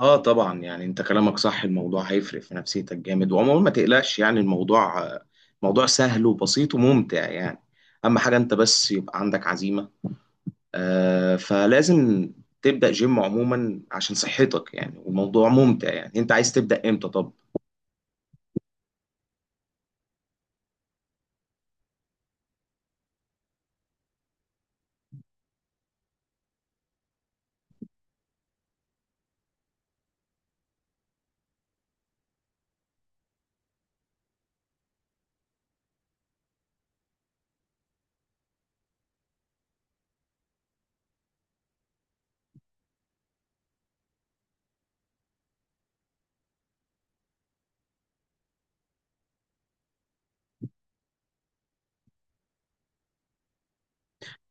اه طبعا، يعني انت كلامك صح. الموضوع هيفرق في نفسيتك جامد. وعموما ما تقلقش، يعني الموضوع موضوع سهل وبسيط وممتع، يعني اهم حاجة انت بس يبقى عندك عزيمة. فلازم تبدأ جيم عموما عشان صحتك، يعني والموضوع ممتع. يعني انت عايز تبدأ امتى؟ طب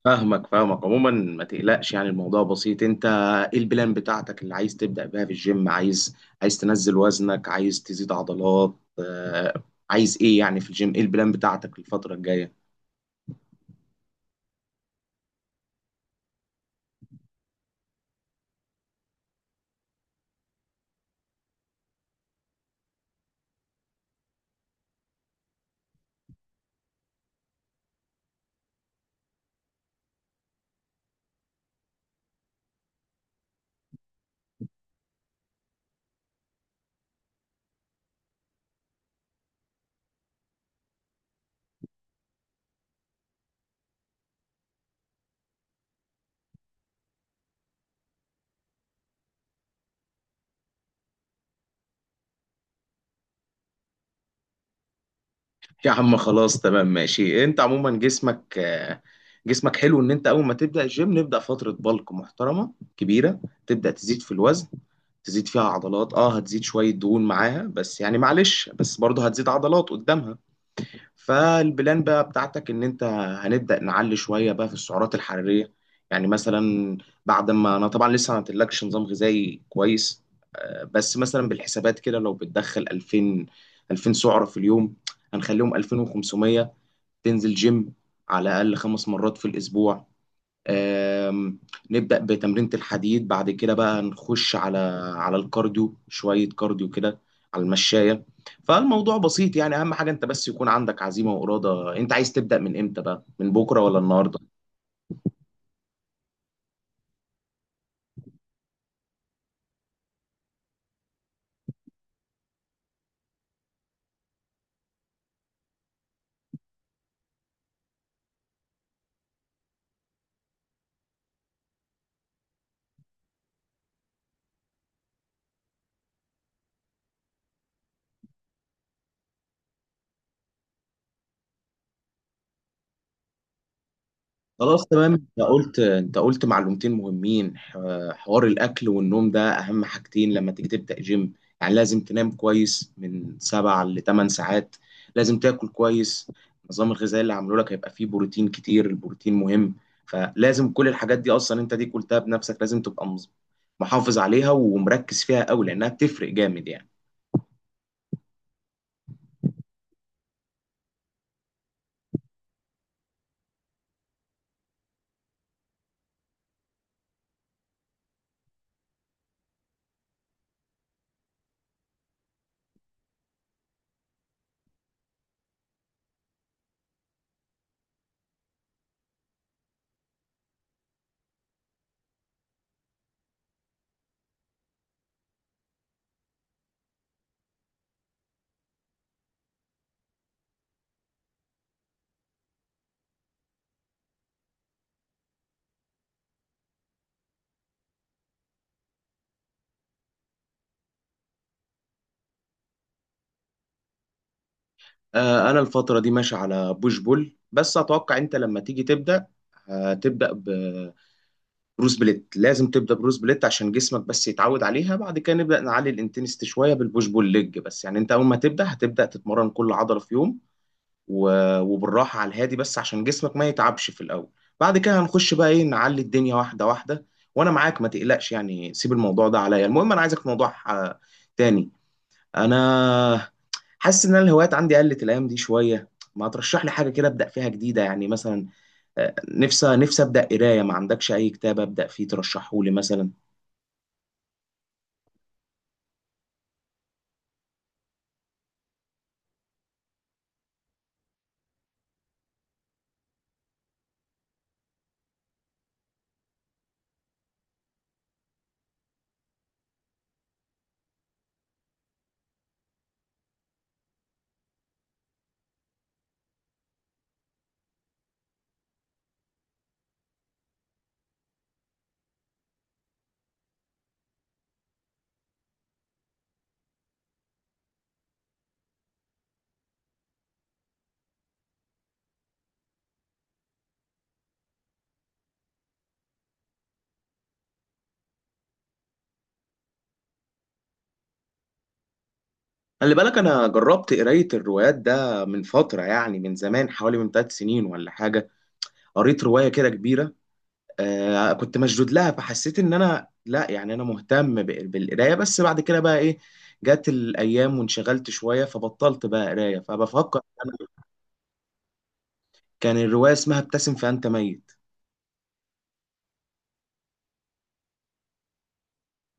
فاهمك فاهمك. عموما ما تقلقش، يعني الموضوع بسيط. انت ايه البلان بتاعتك اللي عايز تبدأ بيها في الجيم؟ عايز تنزل وزنك، عايز تزيد عضلات عايز ايه يعني في الجيم؟ ايه البلان بتاعتك الفترة الجاية؟ يا عم خلاص تمام ماشي. انت عموما جسمك جسمك حلو. ان انت اول ما تبدا الجيم نبدا فتره بلك محترمه كبيره، تبدا تزيد في الوزن، تزيد فيها عضلات، هتزيد شويه دهون معاها، بس يعني معلش بس برضه هتزيد عضلات قدامها. فالبلان بقى بتاعتك ان انت هنبدأ نعلي شوية بقى في السعرات الحرارية. يعني مثلا بعد ما انا طبعا لسه ما عملتلكش نظام غذائي كويس، بس مثلا بالحسابات كده لو بتدخل 2000 سعرة في اليوم هنخليهم 2500. تنزل جيم على الأقل 5 مرات في الأسبوع، آم، نبدأ بتمرينة الحديد. بعد كده بقى نخش على الكارديو، شوية كارديو كده على المشاية. فالموضوع بسيط. يعني أهم حاجة أنت بس يكون عندك عزيمة وإرادة. أنت عايز تبدأ من إمتى بقى، من بكرة ولا النهاردة؟ خلاص تمام. انت قلت، انت قلت معلومتين مهمين. حوار الاكل والنوم ده اهم حاجتين لما تيجي تبدا جيم. يعني لازم تنام كويس من 7 ل 8 ساعات، لازم تاكل كويس. النظام الغذائي اللي عامله لك هيبقى فيه بروتين كتير. البروتين مهم. فلازم كل الحاجات دي اصلا انت دي قلتها بنفسك، لازم تبقى محافظ عليها ومركز فيها قوي، لانها بتفرق جامد يعني. انا الفتره دي ماشي على بوش بول. بس اتوقع انت لما تيجي تبدا، هتبدا بروس بليت. لازم تبدا بروس بليت عشان جسمك بس يتعود عليها، بعد كده نبدا نعلي الانتنستي شويه بالبوش بول ليج. بس يعني انت اول ما تبدا هتبدا تتمرن كل عضله في يوم. وبالراحه على الهادي بس عشان جسمك ما يتعبش في الاول. بعد كده هنخش بقى ايه، نعلي الدنيا واحده واحده. وانا معاك ما تقلقش، يعني سيب الموضوع ده عليا. المهم انا عايزك في موضوع تاني. انا حاسس ان أنا الهوايات عندي قلت الايام دي شويه. ما ترشح لي حاجه كده ابدا فيها جديده يعني. مثلا نفسي نفسي ابدا قرايه. ما عندكش اي كتاب ابدا فيه ترشحه لي مثلا؟ خلي بالك انا جربت قرايه الروايات ده من فتره، يعني من زمان حوالي من 3 سنين ولا حاجه. قريت روايه كده كبيره، كنت مشدود لها فحسيت ان انا، لا يعني انا مهتم بالقرايه، بس بعد كده بقى ايه جت الايام وانشغلت شويه فبطلت بقى قرايه، فبفكر انا. كان الروايه اسمها ابتسم فانت ميت.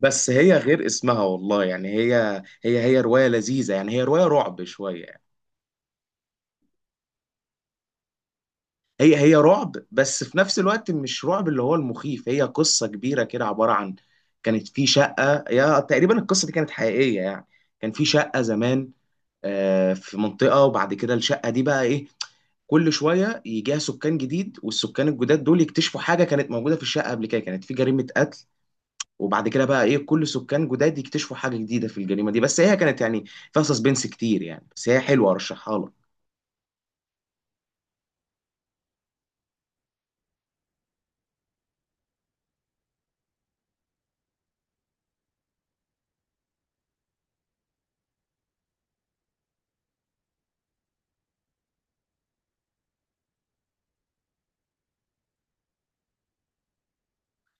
بس هي غير اسمها، والله يعني هي، هي هي روايه لذيذه يعني، هي روايه رعب شويه يعني. هي هي رعب بس في نفس الوقت مش رعب اللي هو المخيف. هي قصة كبيرة كده عبارة عن، كانت في شقة، يا تقريبا القصة دي كانت حقيقية يعني. كان في شقة زمان في منطقة. وبعد كده الشقة دي بقى ايه، كل شوية يجيها سكان جديد والسكان الجداد دول يكتشفوا حاجة كانت موجودة في الشقة قبل كده كانت في جريمة قتل. وبعد كده بقى ايه كل سكان جداد يكتشفوا حاجة جديدة في الجريمة دي، بس هي كانت يعني فيها سسبنس كتير يعني، بس هي حلوة ارشحها لك.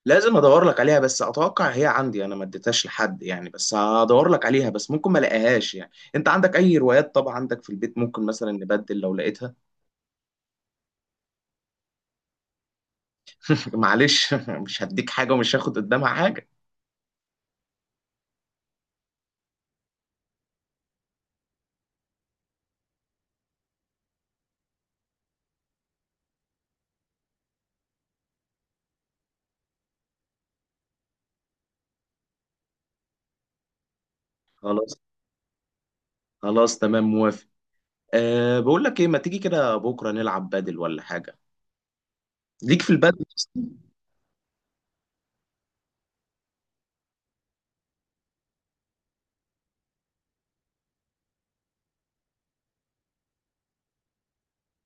لازم ادور لك عليها. بس اتوقع هي عندي انا ما اديتهاش لحد يعني، بس هدور لك عليها بس ممكن ما الاقيهاش يعني. انت عندك اي روايات طبعا عندك في البيت، ممكن مثلا نبدل لو لقيتها. معلش مش هديك حاجه ومش هاخد قدامها حاجه. خلاص خلاص تمام، موافق. بقول لك ايه، ما تيجي كده بكره نلعب بدل ولا حاجه؟ ليك في البدل أصلاً؟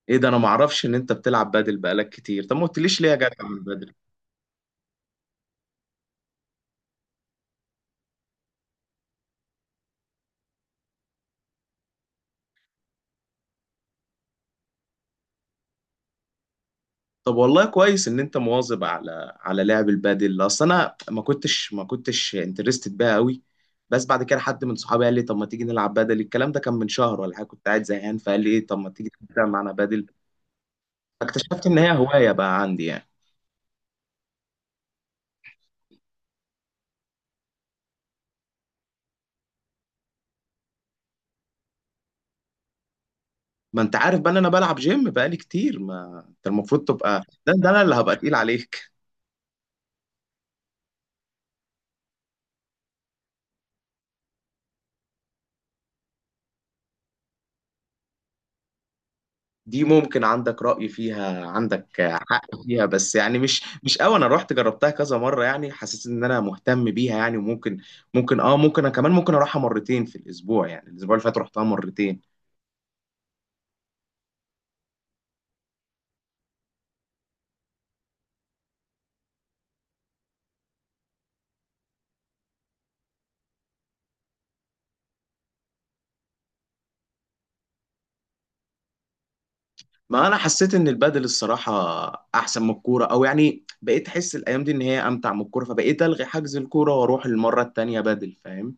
ايه ده، انا ما اعرفش ان انت بتلعب بدل بقالك كتير. طب ما قلتليش ليه يا جدع من بدل. طب والله كويس ان انت مواظب على لعب البادل. اصل انا ما كنتش انترستد بيها قوي. بس بعد كده حد من صحابي قال لي، طب ما تيجي نلعب بادل. الكلام ده كان من شهر ولا حاجه، كنت قاعد زهقان فقال لي ايه، طب ما تيجي تلعب معانا بادل. اكتشفت ان هي هوايه بقى عندي يعني. ما انت عارف بقى ان انا بلعب جيم بقالي كتير، ما انت المفروض تبقى ده، انا اللي هبقى تقيل عليك. دي ممكن عندك رأي فيها، عندك حق فيها، بس يعني مش قوي. انا رحت جربتها كذا مرة يعني، حسيت ان انا مهتم بيها يعني. وممكن ممكن انا كمان ممكن اروحها مرتين في الاسبوع. يعني الاسبوع اللي فات رحتها مرتين. ما انا حسيت ان البادل الصراحة احسن من الكورة، او يعني بقيت احس الايام دي ان هي امتع من الكورة، فبقيت الغي حجز الكورة واروح المرة التانية بادل، فاهم؟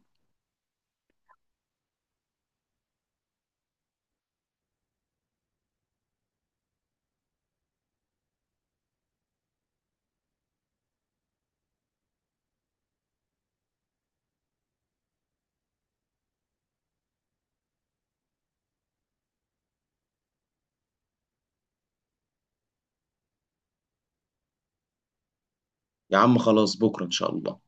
يا عم خلاص، بكرة ان شاء الله.